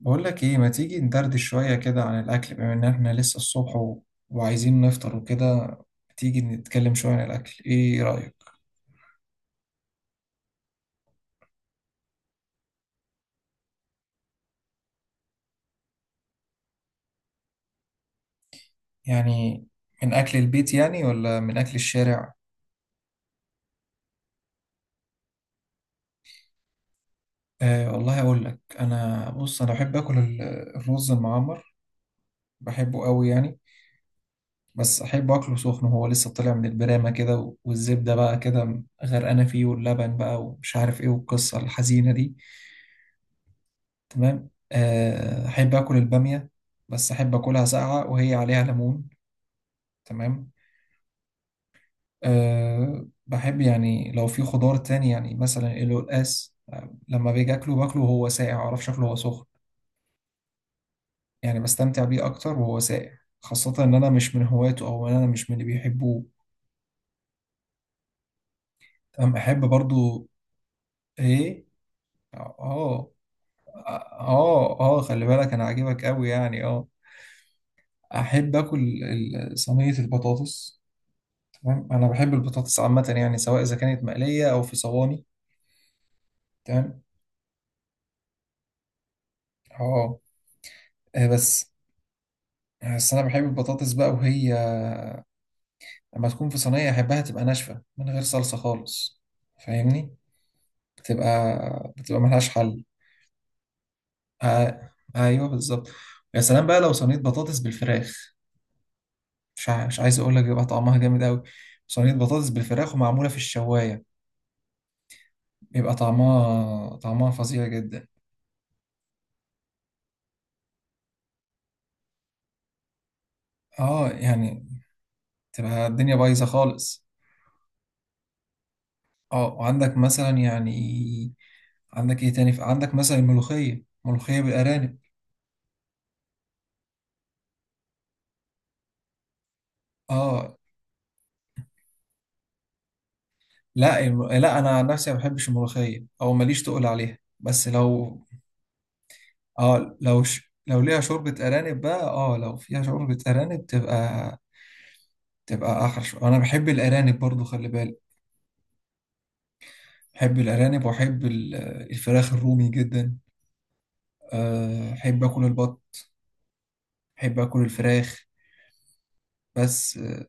بقول لك ايه، ما تيجي ندردش شوية كده عن الأكل بما إن احنا لسه الصبح وعايزين نفطر وكده. تيجي نتكلم شوية عن الأكل، ايه رأيك؟ يعني من أكل البيت يعني، ولا من أكل الشارع؟ آه والله أقول لك، أنا بص أنا بحب آكل الرز المعمر، بحبه قوي يعني. بس أحب أكله سخن وهو لسه طالع من البرامة كده، والزبدة بقى كده غرقانة فيه واللبن بقى ومش عارف ايه والقصة الحزينة دي. تمام آه، أحب آكل البامية، بس أحب آكلها ساقعة وهي عليها ليمون. تمام. أه بحب يعني لو في خضار تاني، يعني مثلا القلقاس آه، لما باجي أكله باكله وهو ساقع، معرفش أكله وهو سخن، يعني بستمتع بيه أكتر وهو ساقع، خاصة إن أنا مش من هواته أو إن أنا مش من اللي بيحبوه. تمام أحب برضو. إيه؟ آه آه. آه آه، خلي بالك أنا عاجبك أوي يعني آه. أحب آكل صينية البطاطس. تمام، انا بحب البطاطس عامه، يعني سواء اذا كانت مقليه او في صواني. تمام. اه. آه، بس بس انا بحب البطاطس بقى، وهي لما تكون في صينيه احبها تبقى ناشفه من غير صلصه خالص. فاهمني؟ بتبقى بتبقى ملهاش حل. آه. ايوه بالظبط. يا سلام بقى لو صينيه بطاطس بالفراخ، مش عايز اقول لك بيبقى طعمها جامد قوي. صينيه بطاطس بالفراخ ومعموله في الشوايه، بيبقى طعمها فظيع جدا. اه يعني تبقى الدنيا بايظه خالص. اه، وعندك مثلا يعني، عندك ايه تاني؟ عندك مثلا الملوخية، ملوخية بالأرانب. اه لا، لا انا عن نفسي ما بحبش الملوخية او ماليش تقول عليها. بس لو، اه، لو ليها شوربة أرانب بقى، اه لو فيها شوربة أرانب تبقى أحلى انا بحب الأرانب برضو خلي بالك. بحب الأرانب وأحب الفراخ الرومي جدا. آه، أحب آكل البط، أحب آكل الفراخ. بس آه،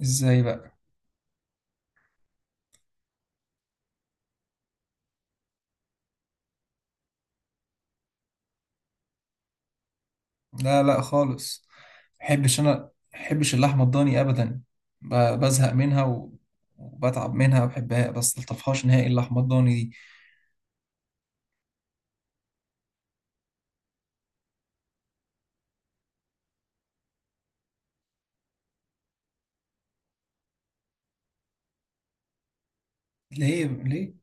ازاي بقى؟ لا لا خالص، انا محبش اللحمه الضاني ابدا. بزهق منها، وبتعب منها، ما بحبها بس ملطفهاش نهائي اللحمه الضاني دي. ليه ليه؟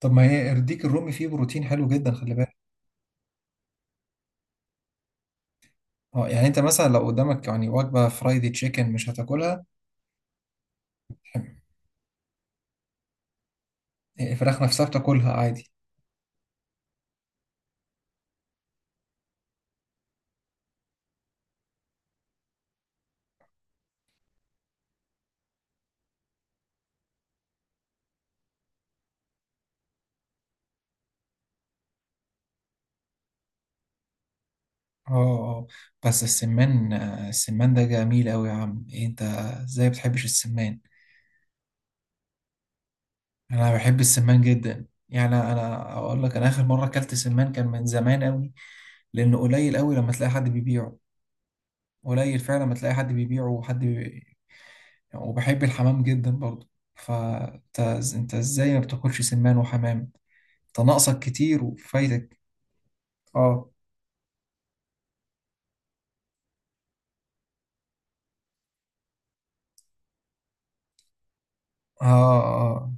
طب ما هي الديك الرومي فيه بروتين حلو جدا، خلي بالك. اه يعني انت مثلا لو قدامك يعني وجبه فرايدي تشيكن، مش هتاكلها؟ الفراخ نفسها بتاكلها عادي. اه اه. بس السمان آه، السمان ده جميل قوي يا عم، إيه انت ازاي بتحبش السمان؟ انا بحب السمان جدا، يعني انا اقول لك، انا اخر مره اكلت سمان كان من زمان قوي. لانه قليل قوي لما تلاقي حد بيبيعه، قليل فعلا لما تلاقي حد بيبيعه، وحد وبحب الحمام جدا برضه. فانت ازاي ما بتاكلش سمان وحمام؟ انت ناقصك كتير وفايتك. اه اه اه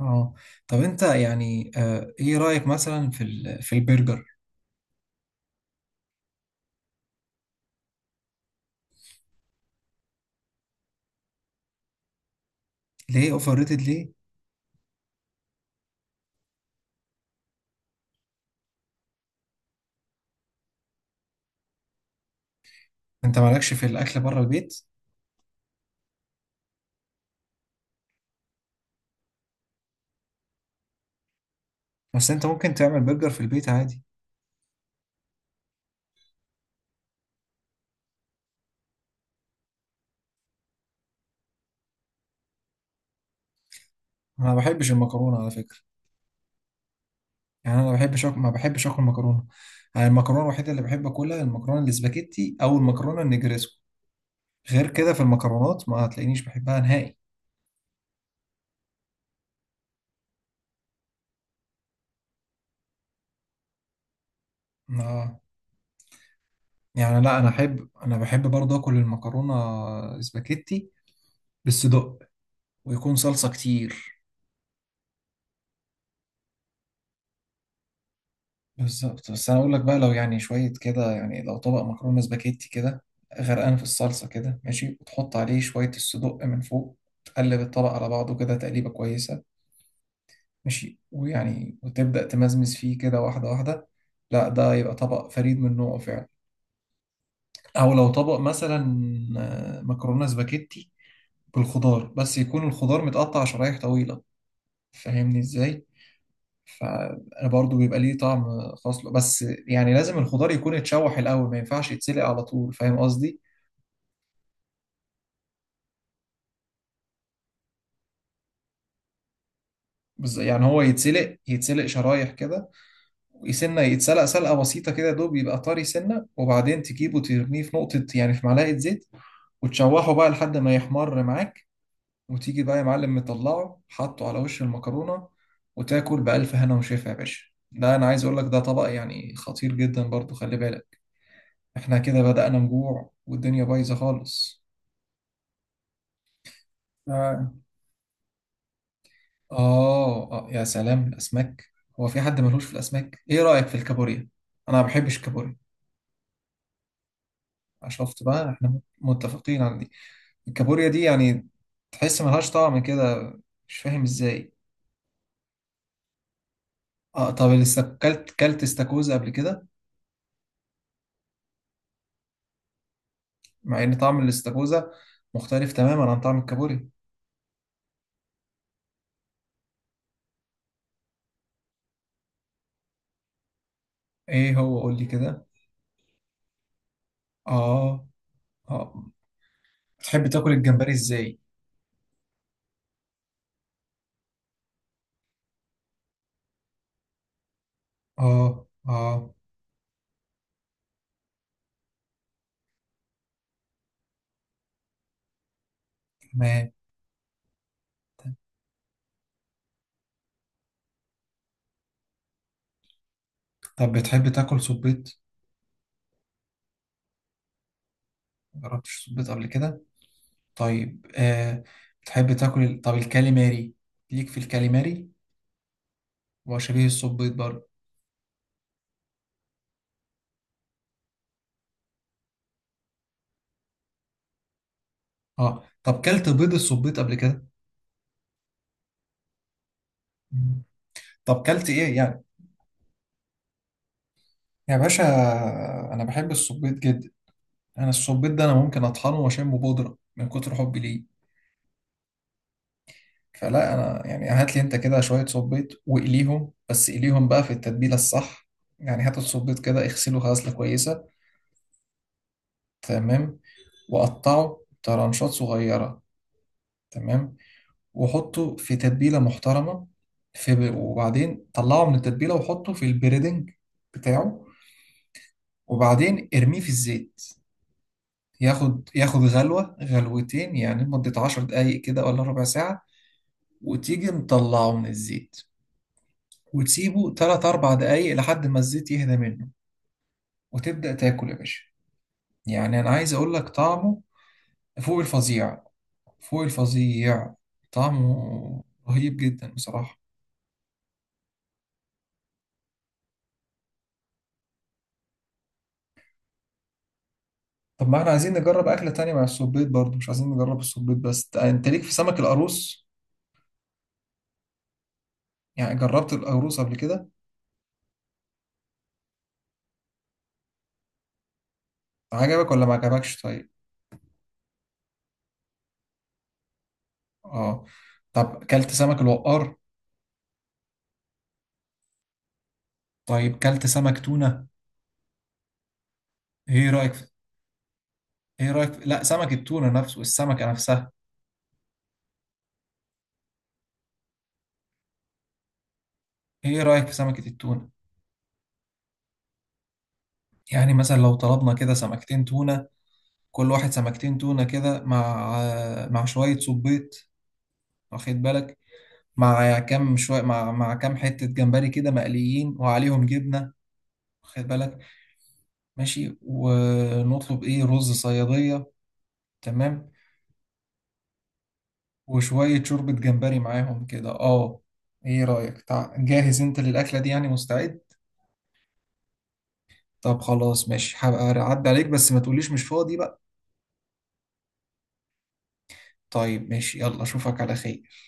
اه. طب انت يعني آه، ايه رايك مثلا في البرجر؟ ليه اوفر ريتد؟ ليه انت مالكش في الاكل بره البيت؟ بس انت ممكن تعمل برجر في البيت عادي. انا ما بحبش المكرونه على فكره، يعني انا ما بحبش اكل مكرونه. يعني المكرونه الوحيده اللي بحب اكلها المكرونه الاسباجيتي او المكرونه النجريسكو، غير كده في المكرونات ما هتلاقينيش بحبها نهائي. آه. يعني لا، انا بحب برضه اكل المكرونه اسباجيتي بالصدق، ويكون صلصه كتير. بالظبط. بس انا اقول لك بقى، لو يعني شويه كده، يعني لو طبق مكرونه اسباجيتي كده غرقان في الصلصه كده ماشي، وتحط عليه شويه الصدق من فوق، تقلب الطبق على بعضه كده تقليبه كويسه، ماشي، ويعني وتبدأ تمزمز فيه كده واحدة واحدة. لا، ده يبقى طبق فريد من نوعه فعلا. أو لو طبق مثلا آه، مكرونة سباكيتي بالخضار، بس يكون الخضار متقطع شرايح طويلة. فاهمني ازاي؟ فبرضه بيبقى ليه طعم خاص له، بس يعني لازم الخضار يكون اتشوح الأول، ما ينفعش يتسلق على طول، فاهم قصدي؟ يعني هو يتسلق شرايح كده، سنة يتسلق سلقة بسيطة كده دوب يبقى طري، سنة وبعدين تجيبه ترميه في نقطة، يعني في معلقة زيت، وتشوحه بقى لحد ما يحمر معاك، وتيجي بقى يا معلم مطلعه حاطه على وش المكرونة، وتاكل بألف هنا وشفا يا باشا. ده أنا عايز أقول لك ده طبق يعني خطير جدا برضو خلي بالك. إحنا كده بدأنا نجوع والدنيا بايظة خالص. آه. آه آه، يا سلام الأسماك! هو في حد ملوش في الأسماك؟ إيه رأيك في الكابوريا؟ أنا ما بحبش الكابوريا. شفت بقى، إحنا متفقين على دي. الكابوريا دي يعني تحس ملهاش طعم كده، مش فاهم ازاي. اه، طب الاستك... كلت كلت استاكوزا قبل كده؟ مع ان طعم الاستاكوزا مختلف تماما عن طعم الكابوريا. ايه هو، قول لي كده. اه اه. بتحب تاكل الجمبري ازاي؟ اه اه. تمام. طب بتحب تاكل صبيط؟ مجربتش صبيط قبل كده. طيب آه، بتحب تاكل طب الكاليماري؟ ليك في الكاليماري، وشبيه الصبيط برضه. اه، طب كلت بيض الصبيط قبل كده؟ طب كلت ايه يعني؟ يا باشا، انا بحب السبيط جدا. انا السبيط ده انا ممكن اطحنه واشمه بودره من كتر حبي ليه. فلا انا يعني، هات لي انت كده شويه سبيط واقليهم، بس قليهم بقى في التتبيله الصح. يعني هات السبيط كده اغسله غسله كويسه، تمام، وقطعه طرنشات صغيره، تمام، وحطه في تتبيله محترمه، في وبعدين طلعه من التتبيله وحطه في البريدنج بتاعه، وبعدين ارميه في الزيت، ياخد غلوة غلوتين، يعني مدة 10 دقايق كده ولا ربع ساعة. وتيجي مطلعه من الزيت، وتسيبه تلات أربع دقايق لحد ما الزيت يهدى منه، وتبدأ تاكل يا باشا. يعني أنا عايز أقول لك طعمه فوق الفظيع، فوق الفظيع. طعمه رهيب جدا بصراحة. طب ما احنا عايزين نجرب أكلة تانية مع السبيط برضه، مش عايزين نجرب السبيط بس. أنت ليك في سمك القاروص؟ يعني جربت القاروص قبل كده؟ عجبك ولا ما عجبكش؟ طيب اه، طب كلت سمك الوقار؟ طيب كلت سمك تونة؟ ايه رأيك في... ايه رأيك في لا، سمك التونة نفسه، السمكة نفسها. ايه رأيك في سمكة التونة؟ يعني مثلا لو طلبنا كده سمكتين تونة، كل واحد سمكتين تونة كده، مع شوية صبيط، واخد بالك، مع كام شوية مع كام حتة جمبري كده مقليين وعليهم جبنة، واخد بالك، ماشي، ونطلب ايه، رز صيادية. تمام، وشوية شوربة جمبري معاهم كده. اه، ايه رأيك جاهز انت للأكلة دي يعني؟ مستعد؟ طب خلاص ماشي، هبقى اعدي عليك، بس ما تقوليش مش فاضي بقى. طيب ماشي، يلا اشوفك على خير.